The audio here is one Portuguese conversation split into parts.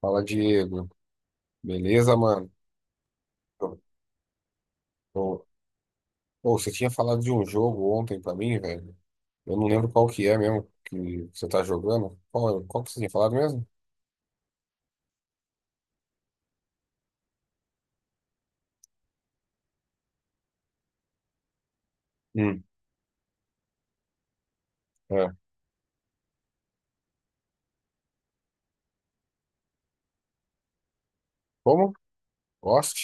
Fala, Diego. Beleza, mano? Ô, ô, você tinha falado de um jogo ontem pra mim, velho. Eu não lembro qual que é mesmo que você tá jogando. Qual, qual que você tinha falado mesmo? Hum, é. Como? Lost?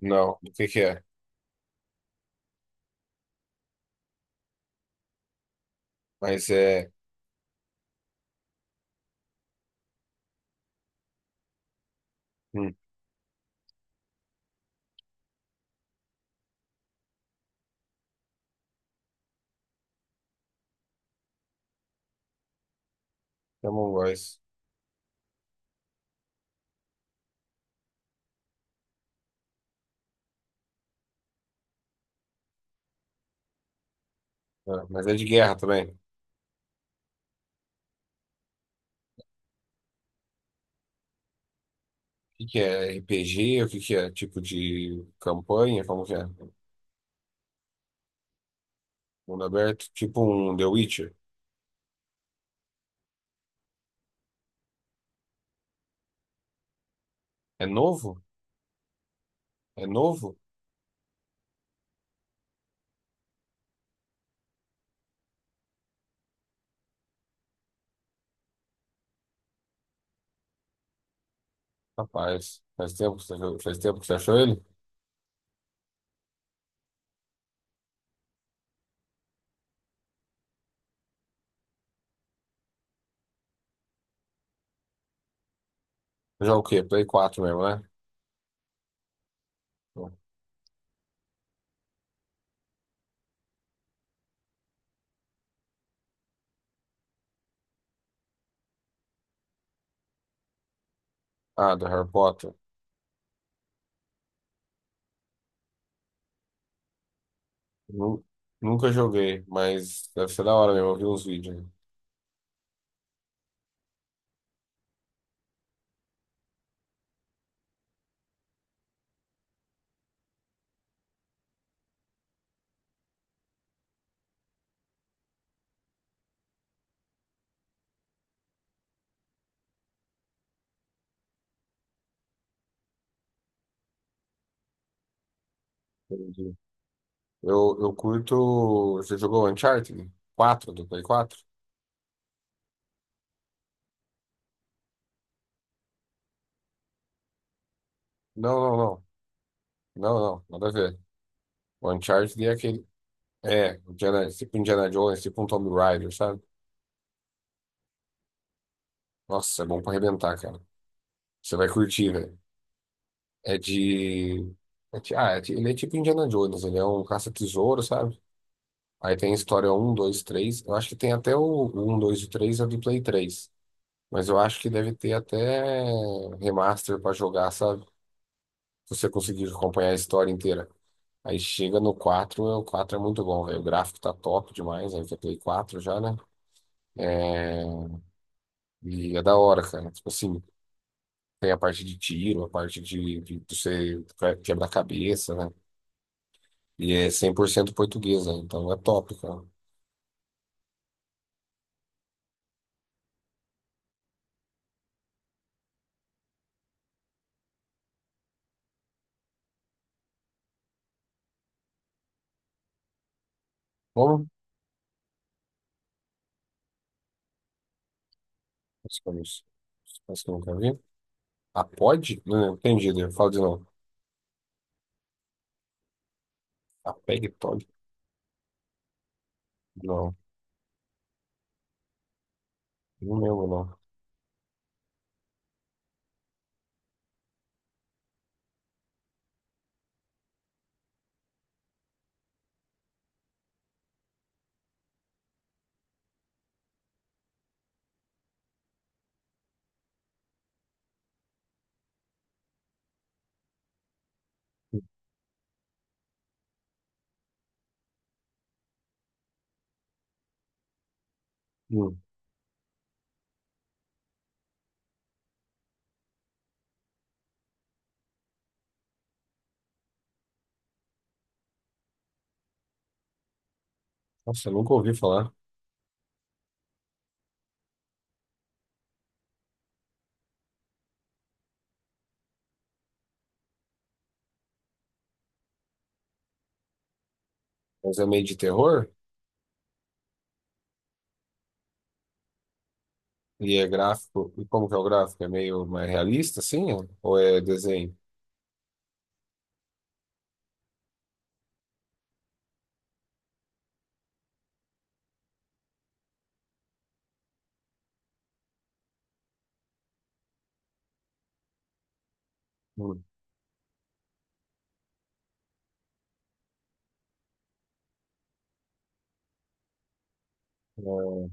Não. O que que é? Mas é... Hum, é Among Us. É, mas é de guerra também. O que que é? RPG? O que que é? Tipo de campanha? Como que é? Mundo aberto? Tipo um The Witcher. É novo? É novo? Rapaz, faz tempo que você achou ele? Já o quê? Play 4 mesmo, né? Ah, do Harry Potter. Nu- Nunca joguei, mas deve ser da hora mesmo. Eu vi uns vídeos, né? Entendi. Eu curto. Você jogou Uncharted 4 do Play 4? Não, não, não. Não, não. Nada a ver. O Uncharted é aquele. É, Indiana, tipo Indiana Jones, tipo um Tomb Raider, sabe? Nossa, é bom pra arrebentar, cara. Você vai curtir, velho. É de. Ele é tipo Indiana Jones. Ele é um caça-tesouro, sabe? Aí tem história um, 2, 3. Eu acho que tem até o um, 2 e 3 é do Play 3. Mas eu acho que deve ter até remaster pra jogar, sabe? Se você conseguir acompanhar a história inteira. Aí chega no 4. O 4 é muito bom, velho. O gráfico tá top demais, aí que é Play 4 já, né? É... E é da hora, cara. Tipo assim, tem a parte de tiro, a parte de você quebra cabeça, né? E é 100% portuguesa, então é top, cara. Bom, acho que eu nunca vi. A pod? Não, entendi, Diego. Fala de novo. A PegPod? Não, não lembro não. Hum. Nossa, eu nunca ouvi falar. Mas é meio de terror? E é gráfico. E como que é o gráfico? É meio mais realista, assim? Ou é desenho? Hum. É,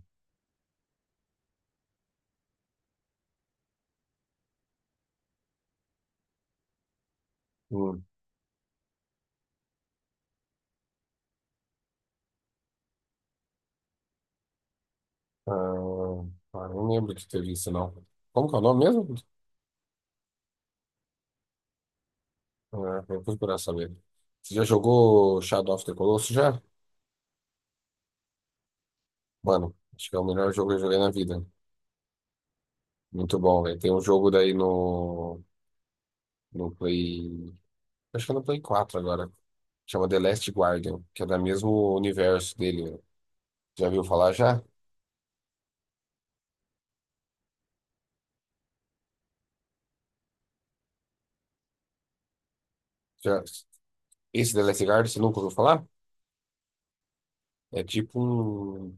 hum. Ah, ah, não lembro de ter visto, não. Como que é o nome mesmo? Ah, vou procurar saber. Você já jogou Shadow of the Colossus já? Mano, acho que é o melhor jogo que eu joguei na vida. Muito bom, velho. Tem um jogo daí no Play. Acho que é no Play 4 agora. Chama The Last Guardian, que é do mesmo universo dele, né? Já viu falar já? Já- Esse The Last Guardian, você nunca ouviu falar? É tipo um.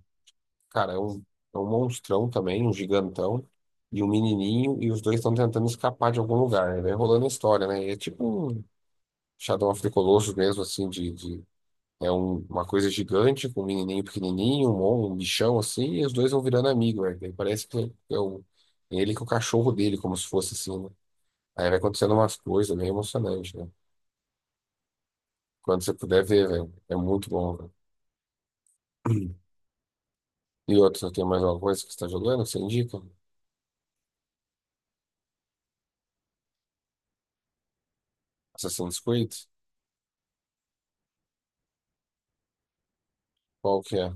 Cara, é um monstrão também, um gigantão, e um menininho, e os dois estão tentando escapar de algum lugar, né? Vai rolando a história, né? E é tipo um Shadow of the Colossus mesmo, assim, é um- uma coisa gigante, com um menininho pequenininho, um bichão assim, e os dois vão virando amigos, né? Daí parece que é o. é ele com o cachorro dele, como se fosse assim, né? Aí vai acontecendo umas coisas meio emocionantes, né? Quando você puder ver, velho. É muito bom, velho. E outra, tem mais alguma coisa que você tá jogando? Você indica? Assassin's Creed? Qual que é?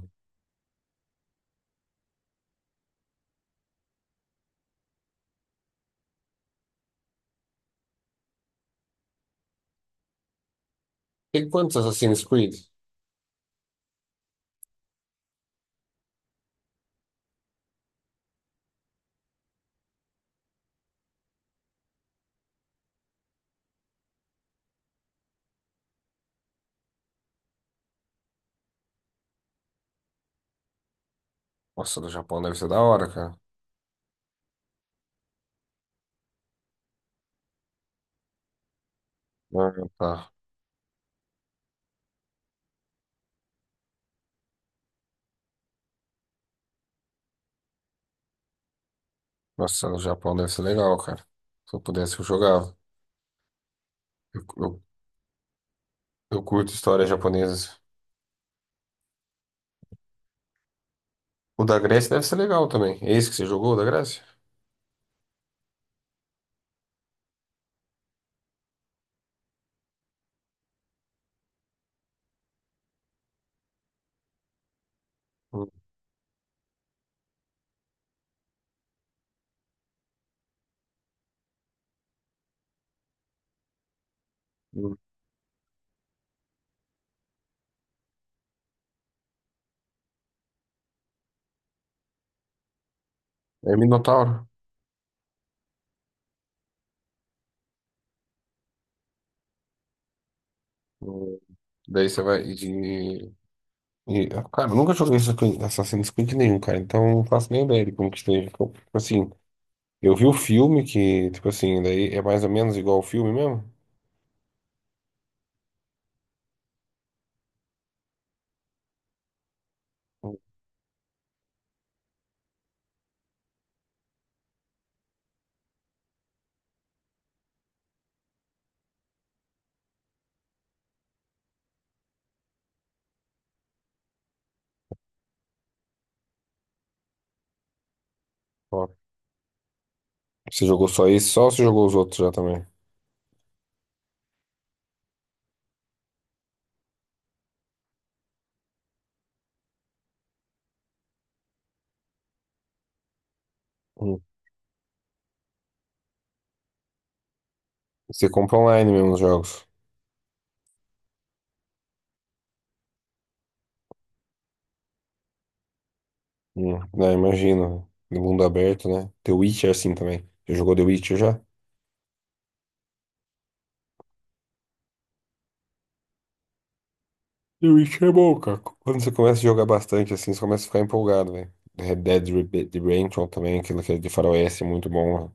Tem quantos Assassin's Creed? Nossa, do Japão deve ser da hora, cara. Ah, tá. Nossa, do Japão deve ser legal, cara. Se eu pudesse, eu jogava. Eu, eu, eu curto histórias japonesas. O da Grécia deve ser legal também. É esse que você jogou, o da Grécia? Hum, hum. É Minotauro. Hum. Daí você vai. E, cara, eu nunca joguei Assassin's Creed nenhum, cara, então eu não faço nem ideia de como que esteja. Tipo assim, eu vi o filme que, tipo assim, daí é mais ou menos igual o filme mesmo? Ó, você jogou só esse, só ou você jogou os outros já também? Hum. Você compra online mesmo os jogos. Hum. Não, imagino. No mundo aberto, né? The Witcher assim também. Você jogou The Witcher já? The Witcher é bom, cara. Quando você começa a jogar bastante assim, você começa a ficar empolgado, velho. Redemption também, aquilo que é de faroeste é muito bom, né?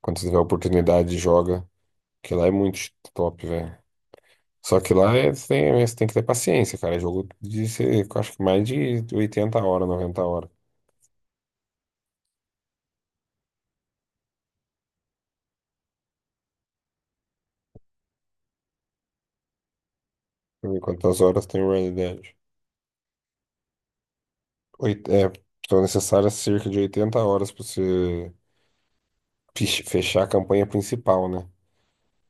Quando você tiver a oportunidade, joga. Que lá é muito top, velho. Só que lá é, você tem que ter paciência, cara. É jogo de, eu acho que mais de 80 horas, 90 horas. Deixa eu ver quantas horas tem o Red Dead. É, são necessárias cerca de 80 horas pra você fechar a campanha principal, né?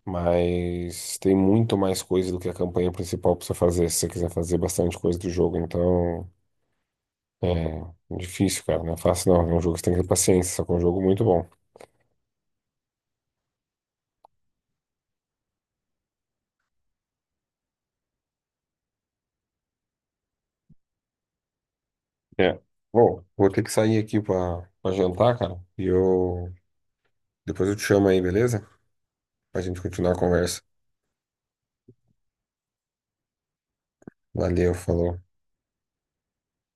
Mas tem muito mais coisa do que a campanha principal pra você fazer, se você quiser fazer bastante coisa do jogo. Então, é difícil, cara. Não é fácil, não. É um jogo que você tem que ter paciência, só que é um jogo muito bom. É. Bom, vou ter que sair aqui pra, pra jantar, cara. E eu. Depois eu te chamo aí, beleza? Pra gente continuar a conversa. Valeu, falou.